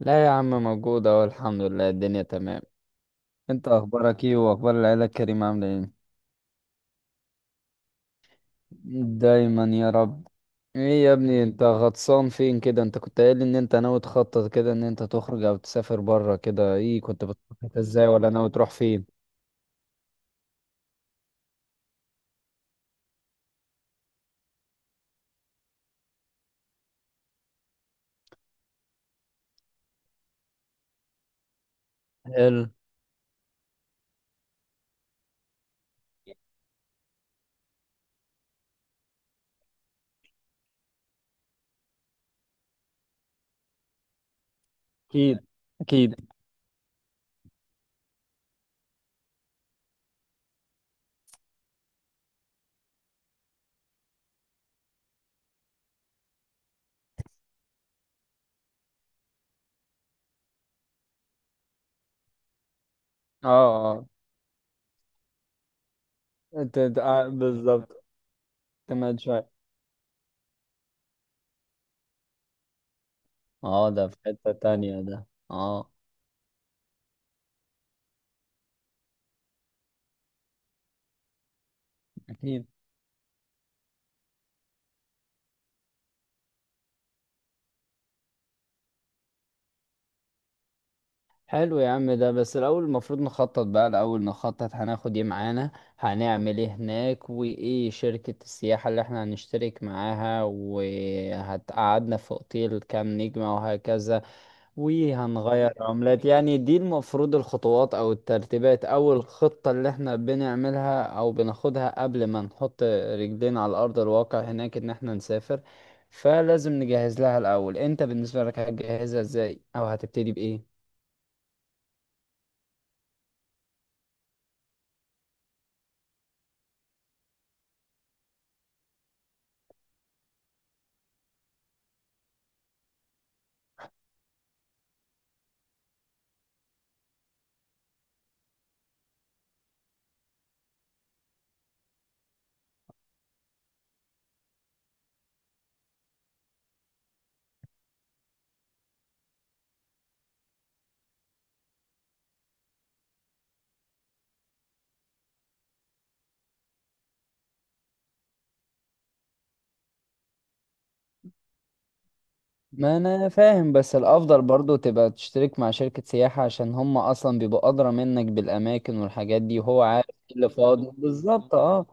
لا يا عم، موجود اهو، الحمد لله الدنيا تمام. انت اخبارك ايه؟ واخبار العيلة الكريمة عاملة ايه؟ دايما يا رب. ايه يا ابني، انت غطسان فين كده؟ انت كنت قايل ان انت ناوي تخطط كده ان انت تخرج او تسافر بره كده، ايه كنت بتخطط ازاي؟ ولا ناوي تروح فين؟ حلو. اكيد اكيد. اه اه. انت أنت- آه، بالظبط. كمان شوية. اه، ده في حتة تانية ده، اه. اكيد. حلو يا عم، ده بس الأول المفروض نخطط. بقى الأول نخطط هناخد ايه معانا، هنعمل ايه هناك، وايه شركة السياحة اللي احنا هنشترك معاها، وهتقعدنا في اوتيل كام نجمة، وهكذا، وهنغير عملات. يعني دي المفروض الخطوات أو الترتيبات أو الخطة اللي احنا بنعملها أو بناخدها قبل ما نحط رجلينا على أرض الواقع هناك، إن احنا نسافر. فلازم نجهز لها الأول. انت بالنسبة لك هتجهزها ازاي، أو هتبتدي بإيه؟ ما انا فاهم، بس الافضل برضو تبقى تشترك مع شركة سياحة، عشان هم اصلا بيبقوا ادرى منك بالاماكن والحاجات دي، وهو عارف ايه اللي فاضي بالظبط، اه.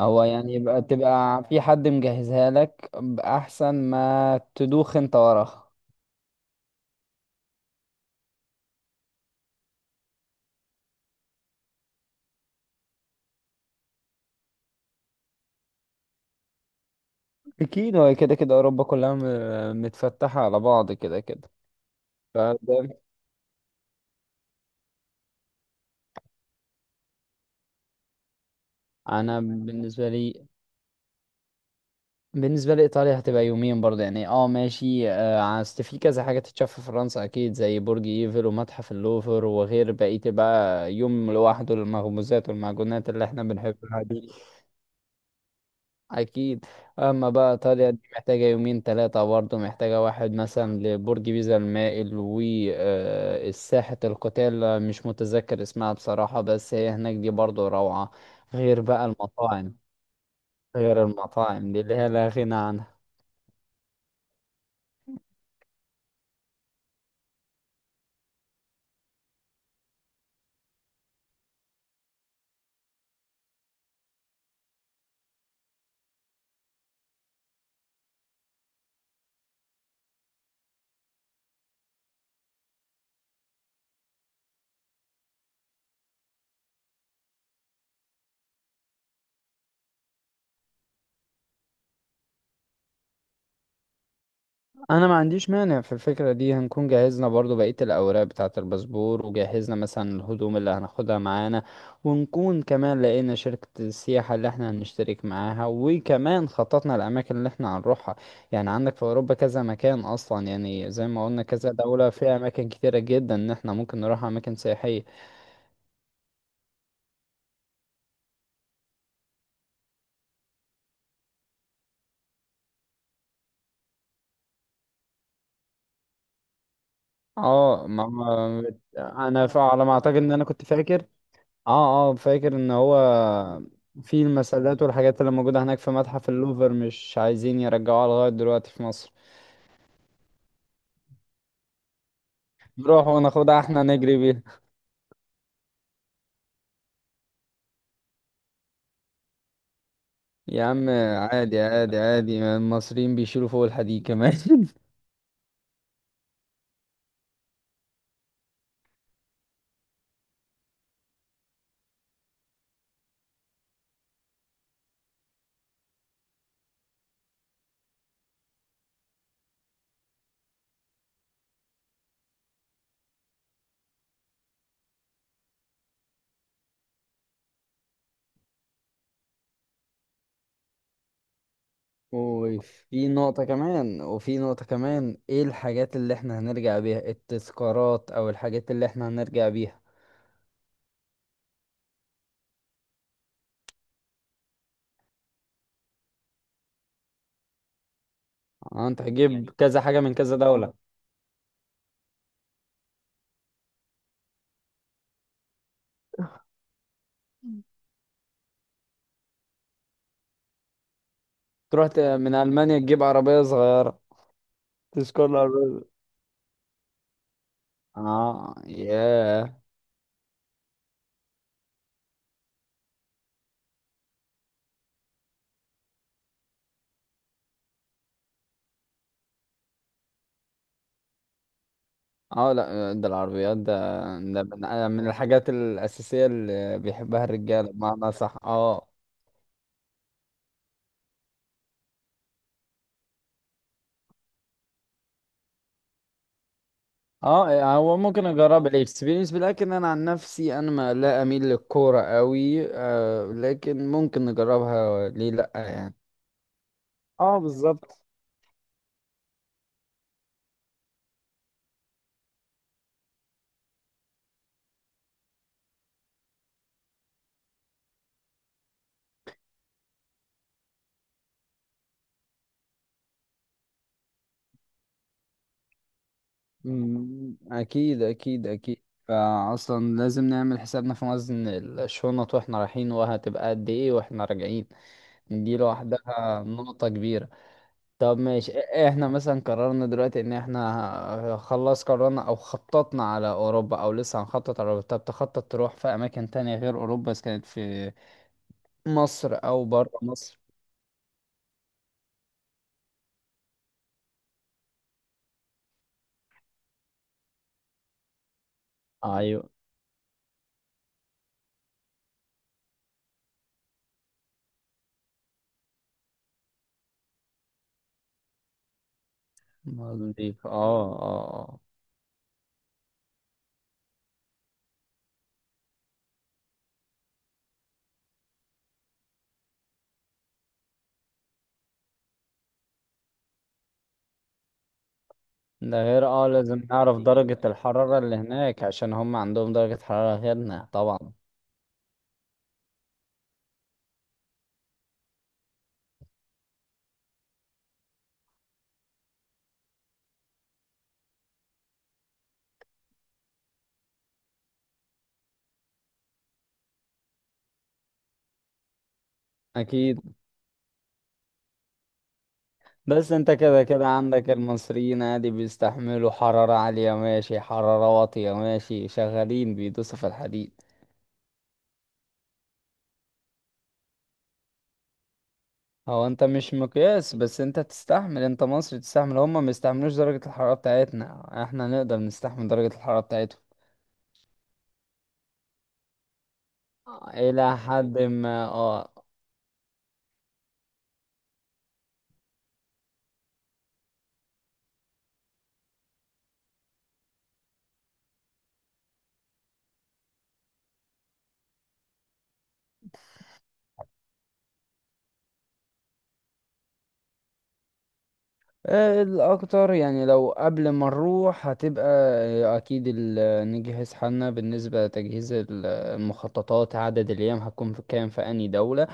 هو يعني يبقى تبقى في حد مجهزها لك، احسن ما تدوخ انت وراها. اكيد، هو كده كده اوروبا كلها متفتحة على بعض كده كده، فده. انا بالنسبة لي، بالنسبة لإيطاليا هتبقى يومين برضه، يعني اه ماشي، آه، أصل في كذا حاجة تتشاف في فرنسا، أكيد، زي برج إيفل ومتحف اللوفر، وغير بقية بقى يوم لوحده للمخبوزات والمعجونات اللي احنا بنحبها دي. أكيد. أما بقى إيطاليا دي محتاجة يومين تلاتة برضه، محتاجة واحد مثلا لبرج بيزا المائل وساحة القتال، مش متذكر اسمها بصراحة، بس هي هناك دي برضه روعة. غير بقى المطاعم، غير المطاعم دي اللي هي لا غنى عنها. انا ما عنديش مانع في الفكرة دي. هنكون جهزنا برضو بقية الاوراق بتاعة الباسبور، وجهزنا مثلا الهدوم اللي هناخدها معانا، ونكون كمان لقينا شركة السياحة اللي احنا هنشترك معاها، وكمان خططنا الاماكن اللي احنا هنروحها. يعني عندك في اوروبا كذا مكان اصلا، يعني زي ما قلنا كذا دولة فيها اماكن كتيرة جدا ان احنا ممكن نروح اماكن سياحية. اه ما ما- على ما اعتقد ان انا كنت فاكر، اه اه، فاكر ان هو في المسلات والحاجات اللي موجودة هناك في متحف اللوفر مش عايزين يرجعوها لغاية دلوقتي في مصر. نروح وناخدها احنا، نجري بيها. يا عم، عادي عادي عادي، المصريين بيشيلوا فوق الحديد كمان وفي نقطة كمان، وفي نقطة كمان، ايه الحاجات اللي احنا هنرجع بيها، التذكارات او الحاجات اللي احنا هنرجع بيها. آه، انت هتجيب كذا حاجة من كذا دولة. تروح من ألمانيا تجيب عربية صغيرة، تذكار العربية. اه ياه. اه لا، آه، ده العربيات ده، ده من الحاجات الأساسية اللي بيحبها الرجالة، بمعنى صح، اه. اه آه، هو ممكن اجرب الاكسبيرينس، لكن انا عن نفسي انا ما لا اميل للكورة قوي آه، لكن ممكن نجربها، ليه لا يعني. اه بالظبط. مم، اكيد اكيد اكيد. فاصلا لازم نعمل حسابنا في وزن الشنط واحنا رايحين، وهتبقى قد ايه واحنا راجعين. دي لوحدها نقطة كبيرة. طب ماشي، احنا مثلا قررنا دلوقتي ان احنا خلاص قررنا او خططنا على اوروبا، او لسه هنخطط على اوروبا. طب تخطط تروح في اماكن تانية غير اوروبا، اذا كانت في مصر او بره مصر؟ ايوه. المالديف اه. اه اه. ده غير اه لازم نعرف درجة الحرارة اللي هناك، عشان هم عندهم درجة حرارة غيرنا طبعا. اكيد. بس انت كده كده عندك المصريين عادي بيستحملوا حرارة عالية ماشي، حرارة واطية ماشي، شغالين بيدوسوا في الحديد. هو انت مش مقياس، بس انت تستحمل، انت مصري تستحمل. هما ما يستحملوش درجة الحرارة بتاعتنا، احنا نقدر نستحمل درجة الحرارة بتاعتهم الى حد ما، اه. آه، الاكتر يعني لو قبل ما نروح هتبقى آه، اكيد نجهز حالنا بالنسبة لتجهيز المخططات، عدد الايام هتكون في كام في اني دولة،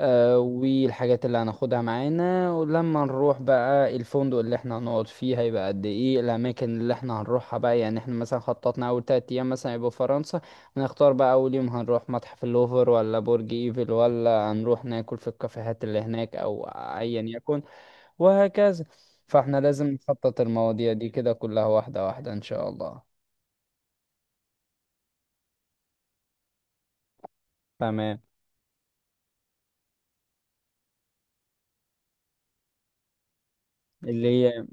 آه، والحاجات اللي هناخدها معانا. ولما نروح بقى، الفندق اللي احنا هنقعد فيه هيبقى قد ايه، الاماكن اللي احنا هنروحها بقى، يعني احنا مثلا خططنا اول تلات ايام مثلا يبقوا في فرنسا، هنختار بقى اول يوم هنروح متحف اللوفر ولا برج ايفل، ولا هنروح ناكل في الكافيهات اللي هناك، او ايا يكن، وهكذا. فاحنا لازم نخطط المواضيع دي كده كلها واحدة واحدة ان شاء الله. تمام. اللي هي،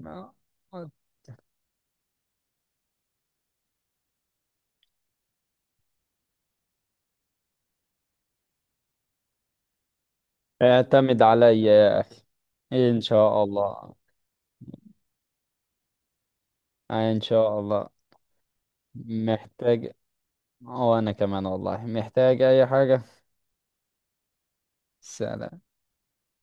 اعتمد عليا يا اخي، ان شاء الله. آه، ان شاء الله. محتاج، وانا كمان والله، محتاج اي حاجة. سلام.